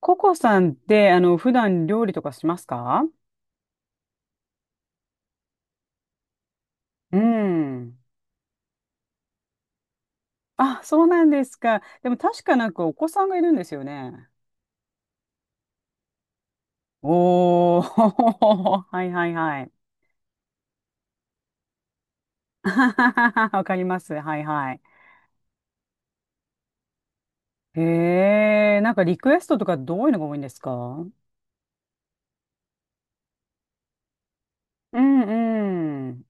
ココさんって、普段料理とかしますか？うん。あ、そうなんですか。でも確かなんかお子さんがいるんですよね。おー、はいはいはい。わかります。はいはい。へえ、なんかリクエストとかどういうのが多いんですか？うんうん。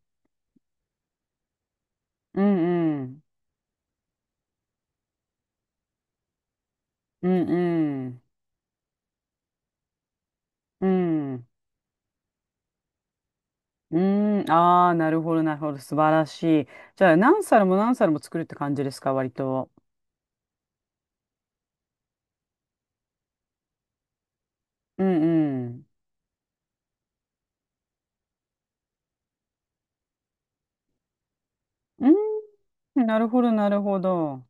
うんうん。うんうん。うん。うん。ああ、なるほどなるほど。素晴らしい。じゃあ何皿も何皿も作るって感じですか、割と。うんうん。うん。なるほど、なるほど。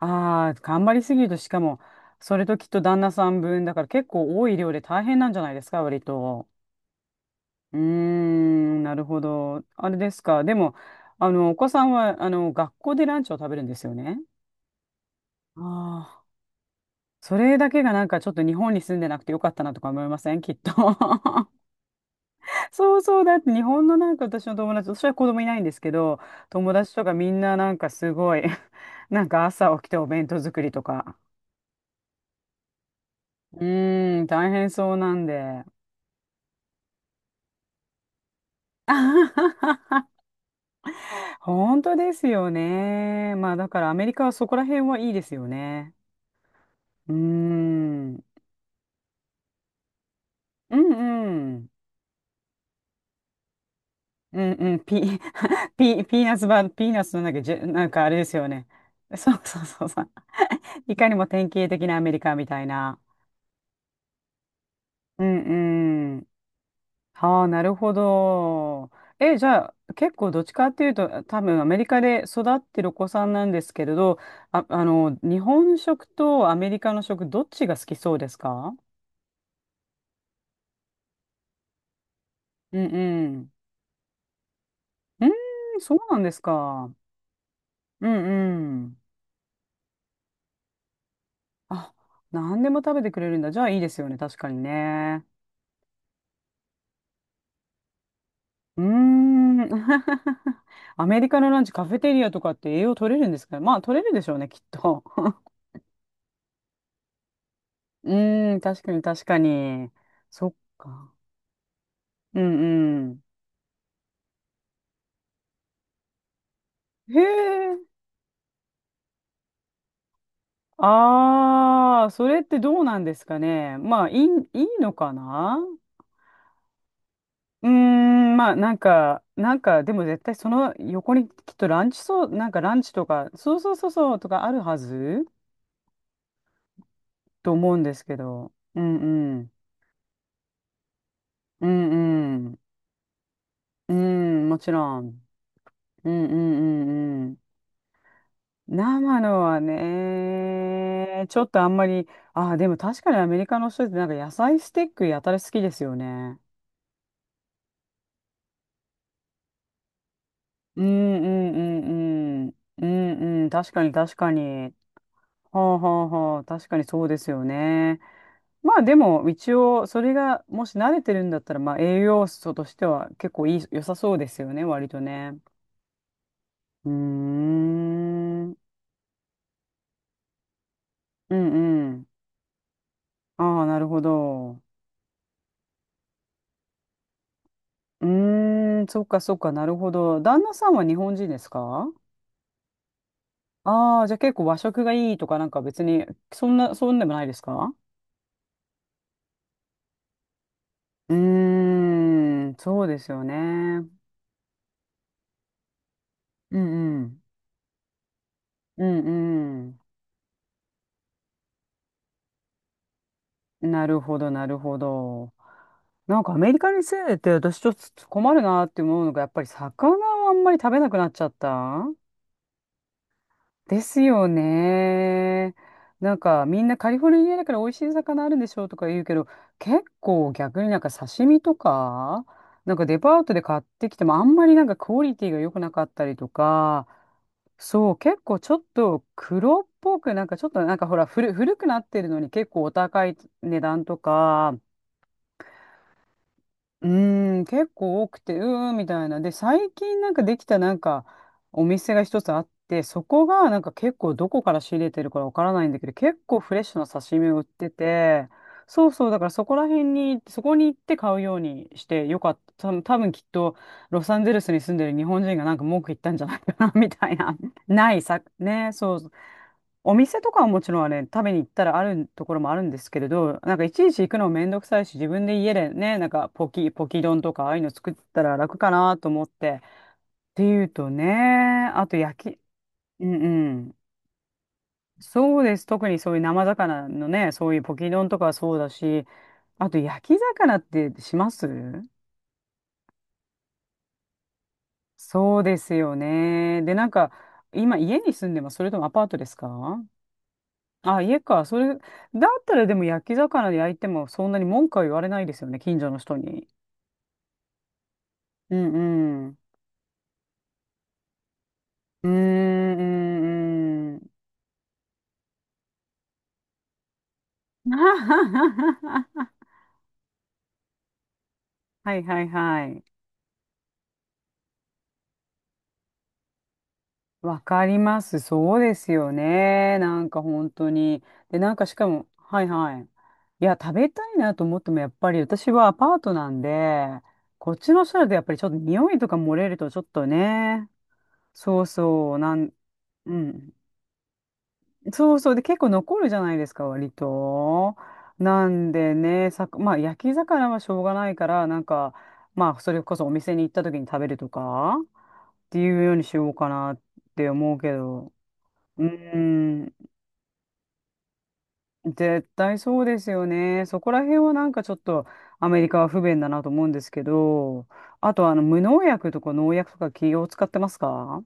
ああ、頑張りすぎると、しかも、それときっと旦那さん分だから結構多い量で大変なんじゃないですか、割と。うーん、なるほど。あれですか。でも、お子さんは、学校でランチを食べるんですよね。ああ、それだけがなんかちょっと日本に住んでなくてよかったなとか思いません、きっと。そうそう、だって日本のなんか私の友達、私は子供いないんですけど、友達とかみんななんかすごい、なんか朝起きてお弁当作りとか。うーん、大変そうなんで。本当ですよね。まあだからアメリカはそこら辺はいいですよね。うーん。うんうん。うんうん。ピーナッツなんだっけ、なんかあれですよね。そうそうそうそう。いかにも典型的なアメリカみたいな。うんうん。はあ、なるほど。え、じゃあ、結構どっちかっていうと、多分アメリカで育ってるお子さんなんですけれど、あ、日本食とアメリカの食、どっちが好きそうですか？うんうん。うーん、そうなんですか。うんうん。あ、何でも食べてくれるんだ。じゃあいいですよね。確かにね。うーん。アメリカのランチ、カフェテリアとかって栄養取れるんですか？まあ、取れるでしょうね、きっと。うーん、確かに確かに。そっか。うんうん。へえ。ああ、それってどうなんですかね。まあ、いいのかな。うーん、まあ、なんか、でも絶対その横にきっとランチそう、なんかランチとか、そうそうそうそうとかあるはずと思うんですけど。うんうん。うんうん。うん、もちろん。うんうんうんうん。生のはね、ちょっとあんまり、ああ、でも確かにアメリカの人ってなんか野菜スティックやたら好きですよね。うんうんうんうん。うんうん。確かに確かに。はあはあはあ。確かにそうですよね。まあでも一応それがもし慣れてるんだったらまあ栄養素としては結構いい、良さそうですよね。割とね。うーん。うんうん。ああ、なるほど。うーん。そっかそっか。なるほど。旦那さんは日本人ですか？ああ、じゃあ結構和食がいいとかなんか別にそんでもないですか？うーん、そうですよね。うんうん。うんうん。なるほど、なるほど。なんかアメリカに住んでて私ちょっと困るなって思うのがやっぱり魚をあんまり食べなくなっちゃったですよね。なんかみんなカリフォルニアだから美味しい魚あるんでしょうとか言うけど、結構逆になんか刺身とか、なんかデパートで買ってきてもあんまりなんかクオリティが良くなかったりとか。そう、結構ちょっと黒っぽく、なんかちょっとなんかほら、古くなってるのに結構お高い値段とか、うーん、結構多くて、うーん、みたいな。で、最近なんかできたなんかお店が一つあって、そこがなんか結構どこから仕入れてるかわからないんだけど、結構フレッシュな刺身を売ってて、そうそう、だからそこら辺に、そこに行って買うようにしてよかった。多分きっとロサンゼルスに住んでる日本人がなんか文句言ったんじゃないかな、みたいな。ないさ、ね、そう。お店とかはもちろんね、食べに行ったらあるところもあるんですけれど、なんかいちいち行くのもめんどくさいし、自分で家でね、なんかポキ丼とかああいうの作ったら楽かなと思って。っていうとね、あと焼き。うんうん。そうです。特にそういう生魚のね、そういうポキ丼とかはそうだし、あと焼き魚ってします？そうですよね。で、なんか、今家に住んでます？それともアパートですか？あ、家か。それ、だったらでも焼き魚で焼いてもそんなに文句は言われないですよね、近所の人に。うんうん。うーん、うーん、うん。はいはいはい。わかります。そうですよね。なんか本当に。で、なんかしかも、はいはい。いや、食べたいなと思っても、やっぱり私はアパートなんで、こっちの人だとやっぱりちょっと匂いとか漏れるとちょっとね、そうそう、なん、うん。そうそう。で、結構残るじゃないですか、割と。なんでね、さく、まあ、焼き魚はしょうがないから、なんか、まあ、それこそお店に行った時に食べるとか、っていうようにしようかなって思うけど。うーん、絶対そうですよね。そこら辺はなんかちょっとアメリカは不便だなと思うんですけど、あと無農薬とか農薬とか企業使ってますか？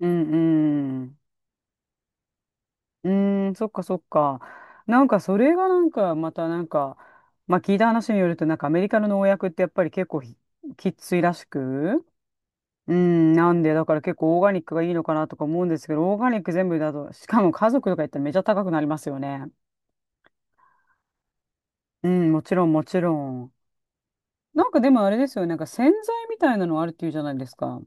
うんうん。うーん、そっかそっか。なんかそれがなんかまたなんか、まあ聞いた話によるとなんかアメリカの農薬ってやっぱり結構ひきっついらしく、うん、なんでだから結構オーガニックがいいのかなとか思うんですけど、オーガニック全部だと、しかも家族とか言ったらめちゃ高くなりますよね。うん、もちろんもちろん。なんかでもあれですよね、なんか洗剤みたいなのあるっていうじゃないですか。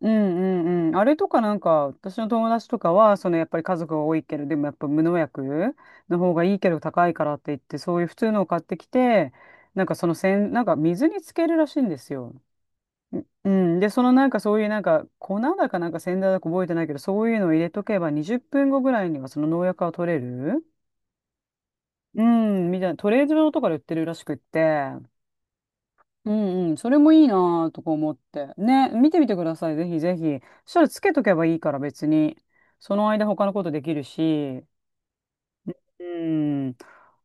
うんうんうん。あれとかなんか、私の友達とかは、そのやっぱり家族が多いけど、でもやっぱ無農薬の方がいいけど高いからって言って、そういう普通のを買ってきて、なんかそのせん、なんか水につけるらしいんですよ。うん。で、そのなんかそういうなんか粉だかなんか洗剤だか覚えてないけど、そういうのを入れとけば20分後ぐらいにはその農薬は取れる。うん、みたいな、トレードとかで売ってるらしくって。うんうん、それもいいなぁとか思って。ね、見てみてください、ぜひぜひ。そしたらつけとけばいいから別に。その間他のことできるし、うん、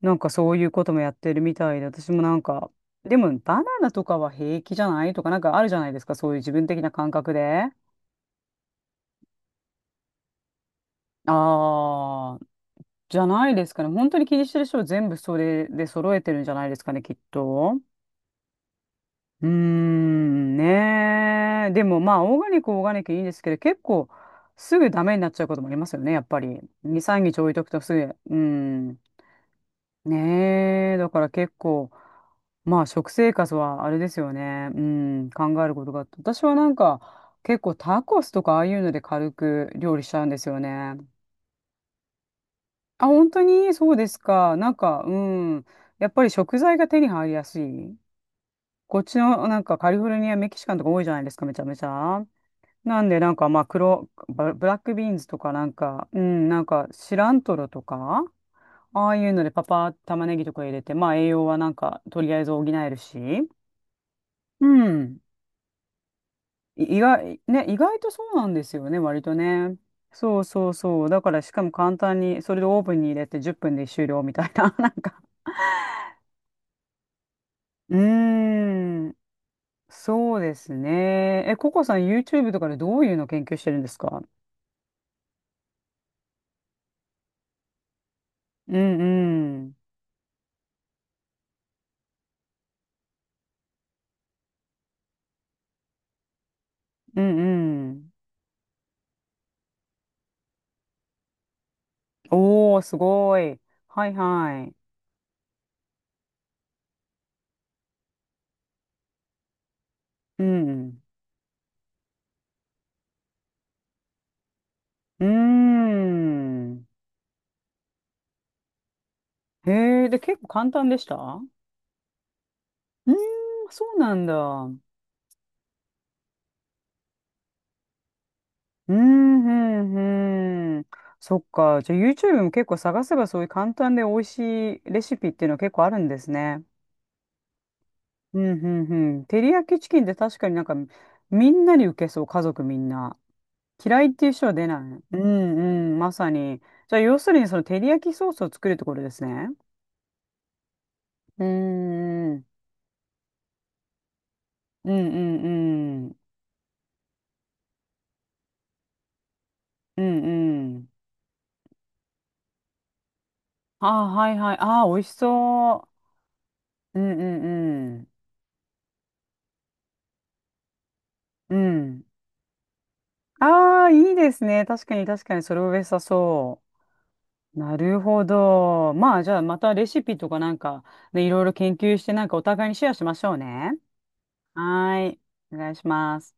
なんかそういうこともやってるみたいで、私もなんか、でもバナナとかは平気じゃないとかなんかあるじゃないですか、そういう自分的な感覚で。ああ、じゃないですかね。本当に気にしてる人は全部それで揃えてるんじゃないですかね、きっと。うーん、ねえ。でもまあ、オーガニックいいんですけど、結構すぐダメになっちゃうこともありますよね、やっぱり。2、3日置いとくとすぐ。うん。ねえ。だから結構、まあ、食生活はあれですよね。うん、考えることがあって。私はなんか、結構タコスとかああいうので軽く料理しちゃうんですよね。あ、本当にそうですか。なんか、うん。やっぱり食材が手に入りやすい。こっちのなんかカリフォルニア、メキシカンとか多いじゃないですか、めちゃめちゃ。なんで、なんか、まあ、黒、ブブラックビーンズとか、なんか、うん、なんか、シラントロとか、ああいうので、玉ねぎとか入れて、まあ、栄養はなんか、とりあえず補えるし、うん、い意外、ね、意外とそうなんですよね、割とね。そうそうそう。だから、しかも簡単に、それでオーブンに入れて10分で終了みたいな、なんか。うーん、そうですね。え、ココさん、YouTube とかでどういうの研究してるんですか？うんうん、うんうん。おー、すごい。はいはい。うん。うーん。へえ、で、結構簡単でした？うーん、そうなんだ。うーん、ふん、ふん。そっか。じゃあ YouTube も結構探せばそういう簡単で美味しいレシピっていうのは結構あるんですね。うん、ふん、ふん。照り焼きチキンって確かになんかみんなに受けそう、家族みんな。嫌いっていう人は出ない。うん、うん、まさに。じゃあ要するにその照り焼きソースを作るところですね。うーん。うんうんうん。うんうん。ああ、はいはい。ああ、美味しそう。うんうんうん。うん。ああ、いいですね。確かに確かに、それを良さそう。なるほど。まあ、じゃあ、またレシピとかなんか、ね、いろいろ研究して、なんかお互いにシェアしましょうね。はーい。お願いします。